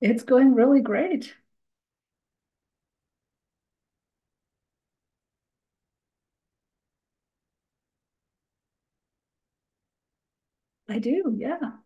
It's going really great. I do. Yeah.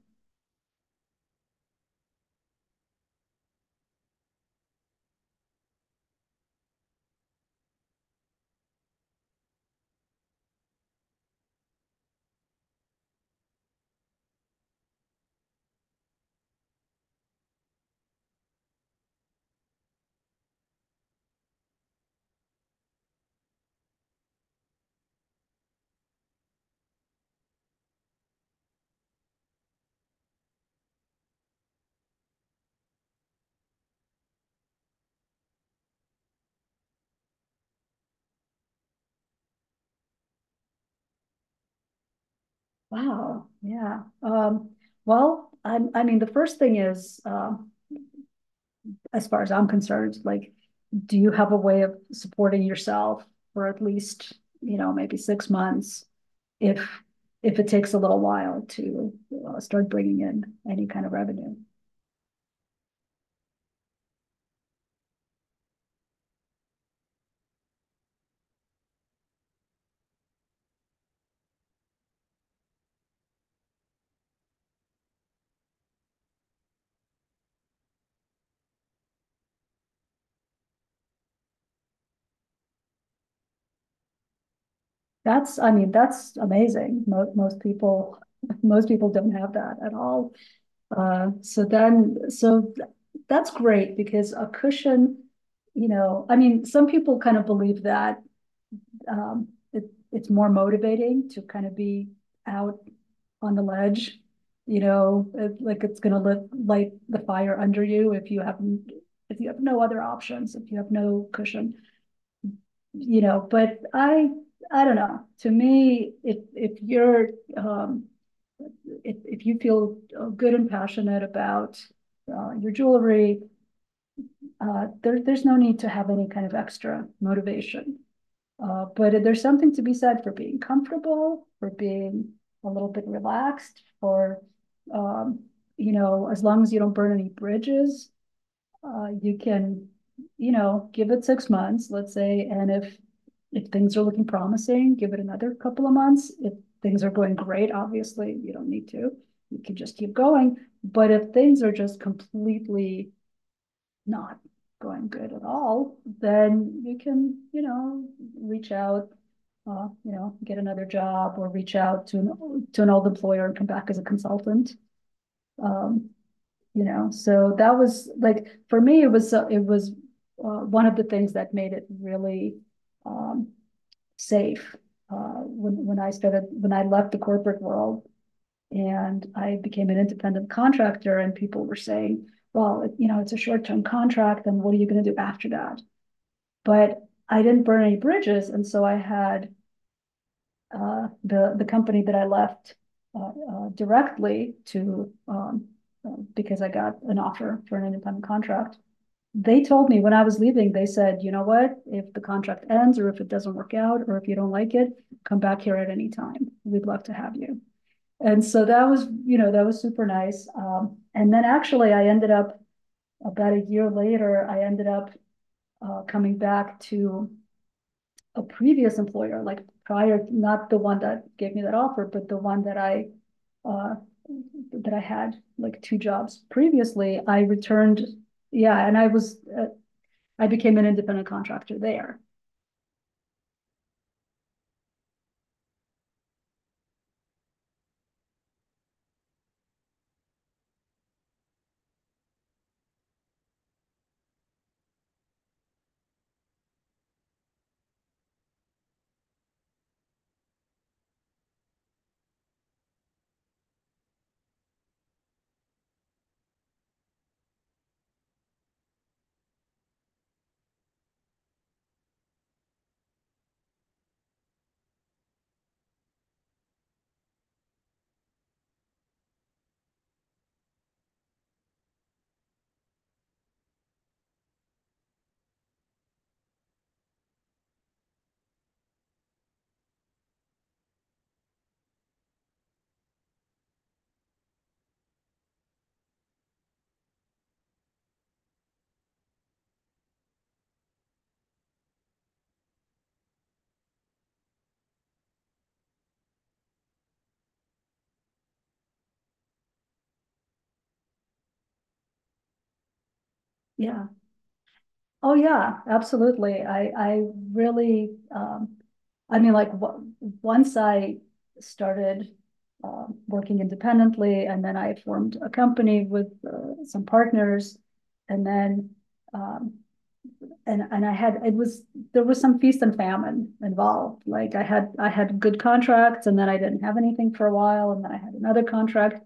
Wow. Yeah. Well, I mean, the first thing is, as far as I'm concerned, like, do you have a way of supporting yourself for at least, you know, maybe 6 months? If it takes a little while to start bringing in any kind of revenue, I mean, that's amazing. Most people most people don't have that at all. So then, that's great because a cushion, you know, I mean, some people kind of believe that um, it, it's more motivating to kind of be out on the ledge, you know, like it's going to light the fire under you if you have no other options, if you have no cushion, you know. But I don't know. To me, if you're um, if you feel good and passionate about your jewelry, there's no need to have any kind of extra motivation. But there's something to be said for being comfortable, for being a little bit relaxed, for, um, you know, as long as you don't burn any bridges, you can, you know, give it 6 months, let's say, and if things are looking promising, give it another couple of months. If things are going great, obviously, you don't need to. You can just keep going. But if things are just completely not going good at all, then you can, you know, reach out, you know, get another job or reach out to an old employer and come back as a consultant. Um, you know, so that was like, for me, it was one of the things that made it really um, safe uh, when I started, when I left the corporate world and I became an independent contractor and people were saying, well, you know, it's a short-term contract and what are you going to do after that? But I didn't burn any bridges. And so I had the company that I left directly to, because I got an offer for an independent contract. They told me when I was leaving, they said, you know what, if the contract ends or if it doesn't work out or if you don't like it, come back here at any time. We'd love to have you. And so that was, you know, that was super nice. And then actually, I ended up about a year later, I ended up coming back to a previous employer, like prior, not the one that gave me that offer, but the one uh that I had like two jobs previously, I returned, yeah, and I was I became an independent contractor there. Yeah. Oh yeah, absolutely. I really I mean once I started working independently and then I formed a company with some partners and then um and I had it was there was some feast and famine involved. Like I had good contracts and then I didn't have anything for a while and then I had another contract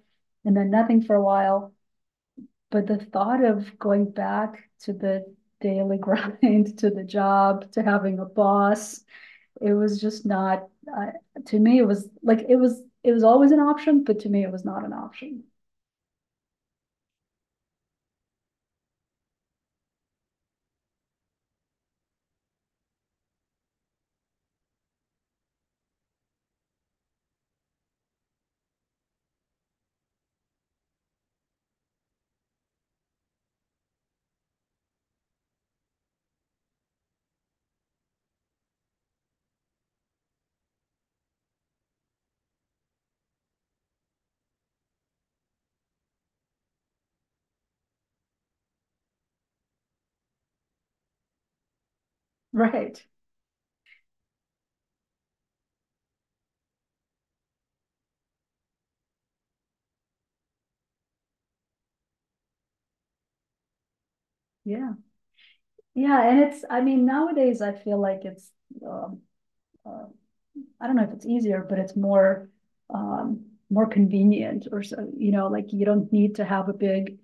and then nothing for a while. But the thought of going back to the daily grind, to the job, to having a boss, it was just not uh, to me. It was like it was always an option, but to me it was not an option. Right? Yeah, yeah. And it's I mean nowadays I feel like it's. Um, uh, I don't know if it's easier, but it's more um, more convenient or so, you know, like you don't need to have a big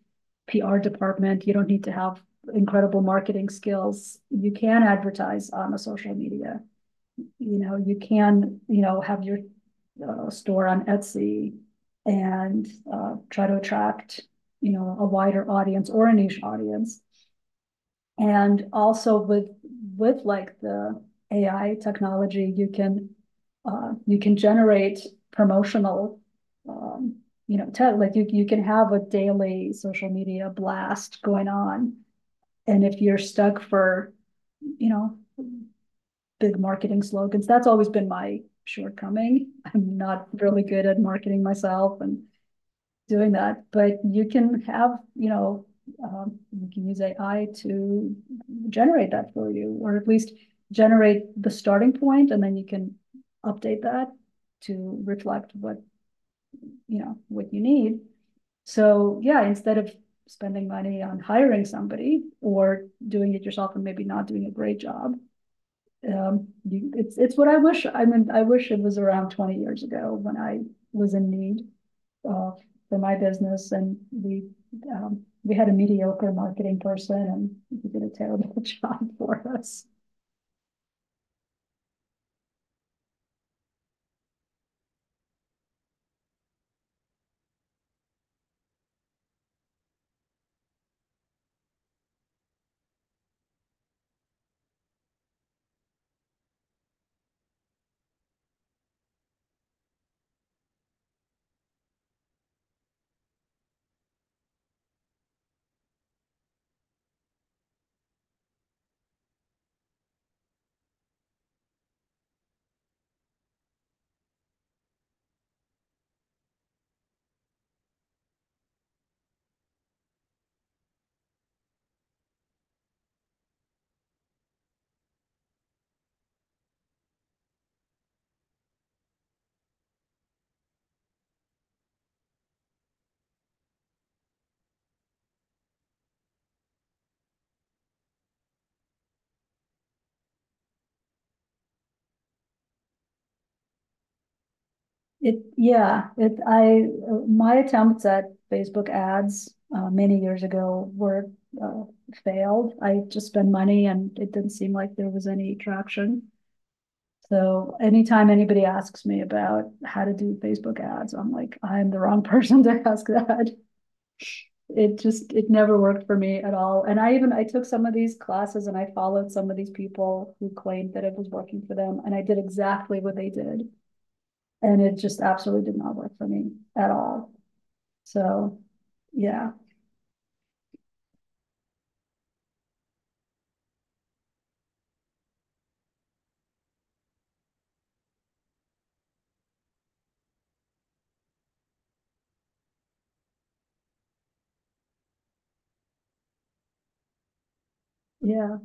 PR department. You don't need to have incredible marketing skills. You can advertise on a social media. You know, you can, you know, have your store on Etsy and try to attract, you know, a wider audience or a niche audience. And also with like the AI technology, you can generate promotional, um, you know, like you can have a daily social media blast going on. And if you're stuck for, you know, big marketing slogans, that's always been my shortcoming. I'm not really good at marketing myself and doing that, but you can have, you know, you can use AI to generate that for you, or at least generate the starting point, and then you can update that to reflect what, you know, what you need. So yeah, instead of spending money on hiring somebody or doing it yourself and maybe not doing a great job, it's what I wish. I mean, I wish it was around 20 years ago when I was in need uh, for my business and we had a mediocre marketing person and he did a terrible job for us. It, yeah, it, I, my attempts at Facebook ads, many years ago were, uh, failed. I just spent money and it didn't seem like there was any traction. So anytime anybody asks me about how to do Facebook ads, I'm like, I'm the wrong person to ask that. It just it never worked for me at all, and I even I took some of these classes and I followed some of these people who claimed that it was working for them and I did exactly what they did, and it just absolutely did not work for me at all. So yeah, yeah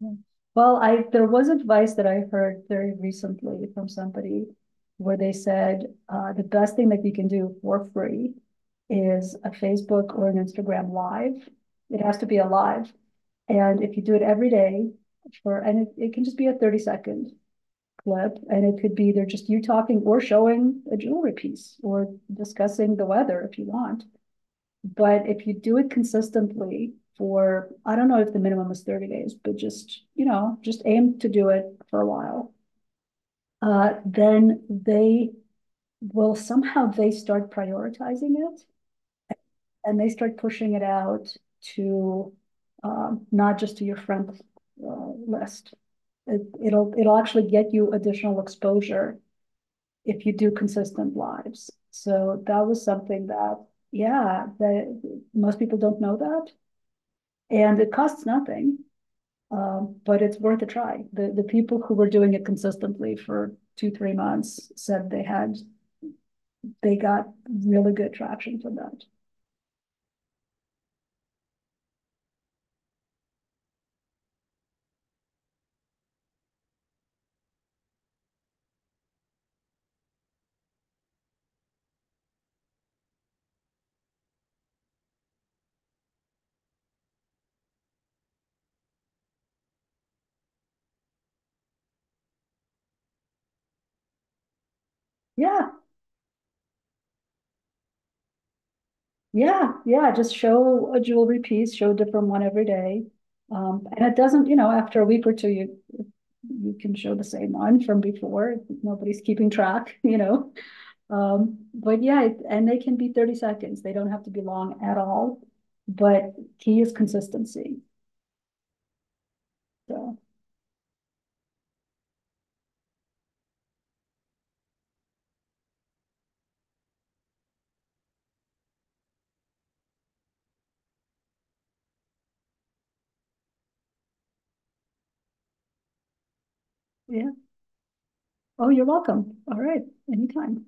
yeah. well I there was advice that I heard very recently from somebody where they said the best thing that you can do for free is a Facebook or an Instagram live. It has to be a live. And if you do it every day for, and it can just be a 30-second clip, and it could be either just you talking or showing a jewelry piece or discussing the weather if you want. But if you do it consistently for, I don't know if the minimum is 30 days, but just, you know, just aim to do it for a while, then they will somehow they start prioritizing it and they start pushing it out to not just to your friend list. It'll actually get you additional exposure if you do consistent lives. So that was something that yeah, that most people don't know that, and it costs nothing, but it's worth a try. The people who were doing it consistently for 2 3 months said they had they got really good traction for that. Yeah, yeah. Just show a jewelry piece, show a different one every day. And it doesn't, you know, after a week or two, you can show the same one from before. Nobody's keeping track, you know. But yeah, and they can be 30 seconds. They don't have to be long at all. But key is consistency. So yeah. Oh, you're welcome. All right. Anytime.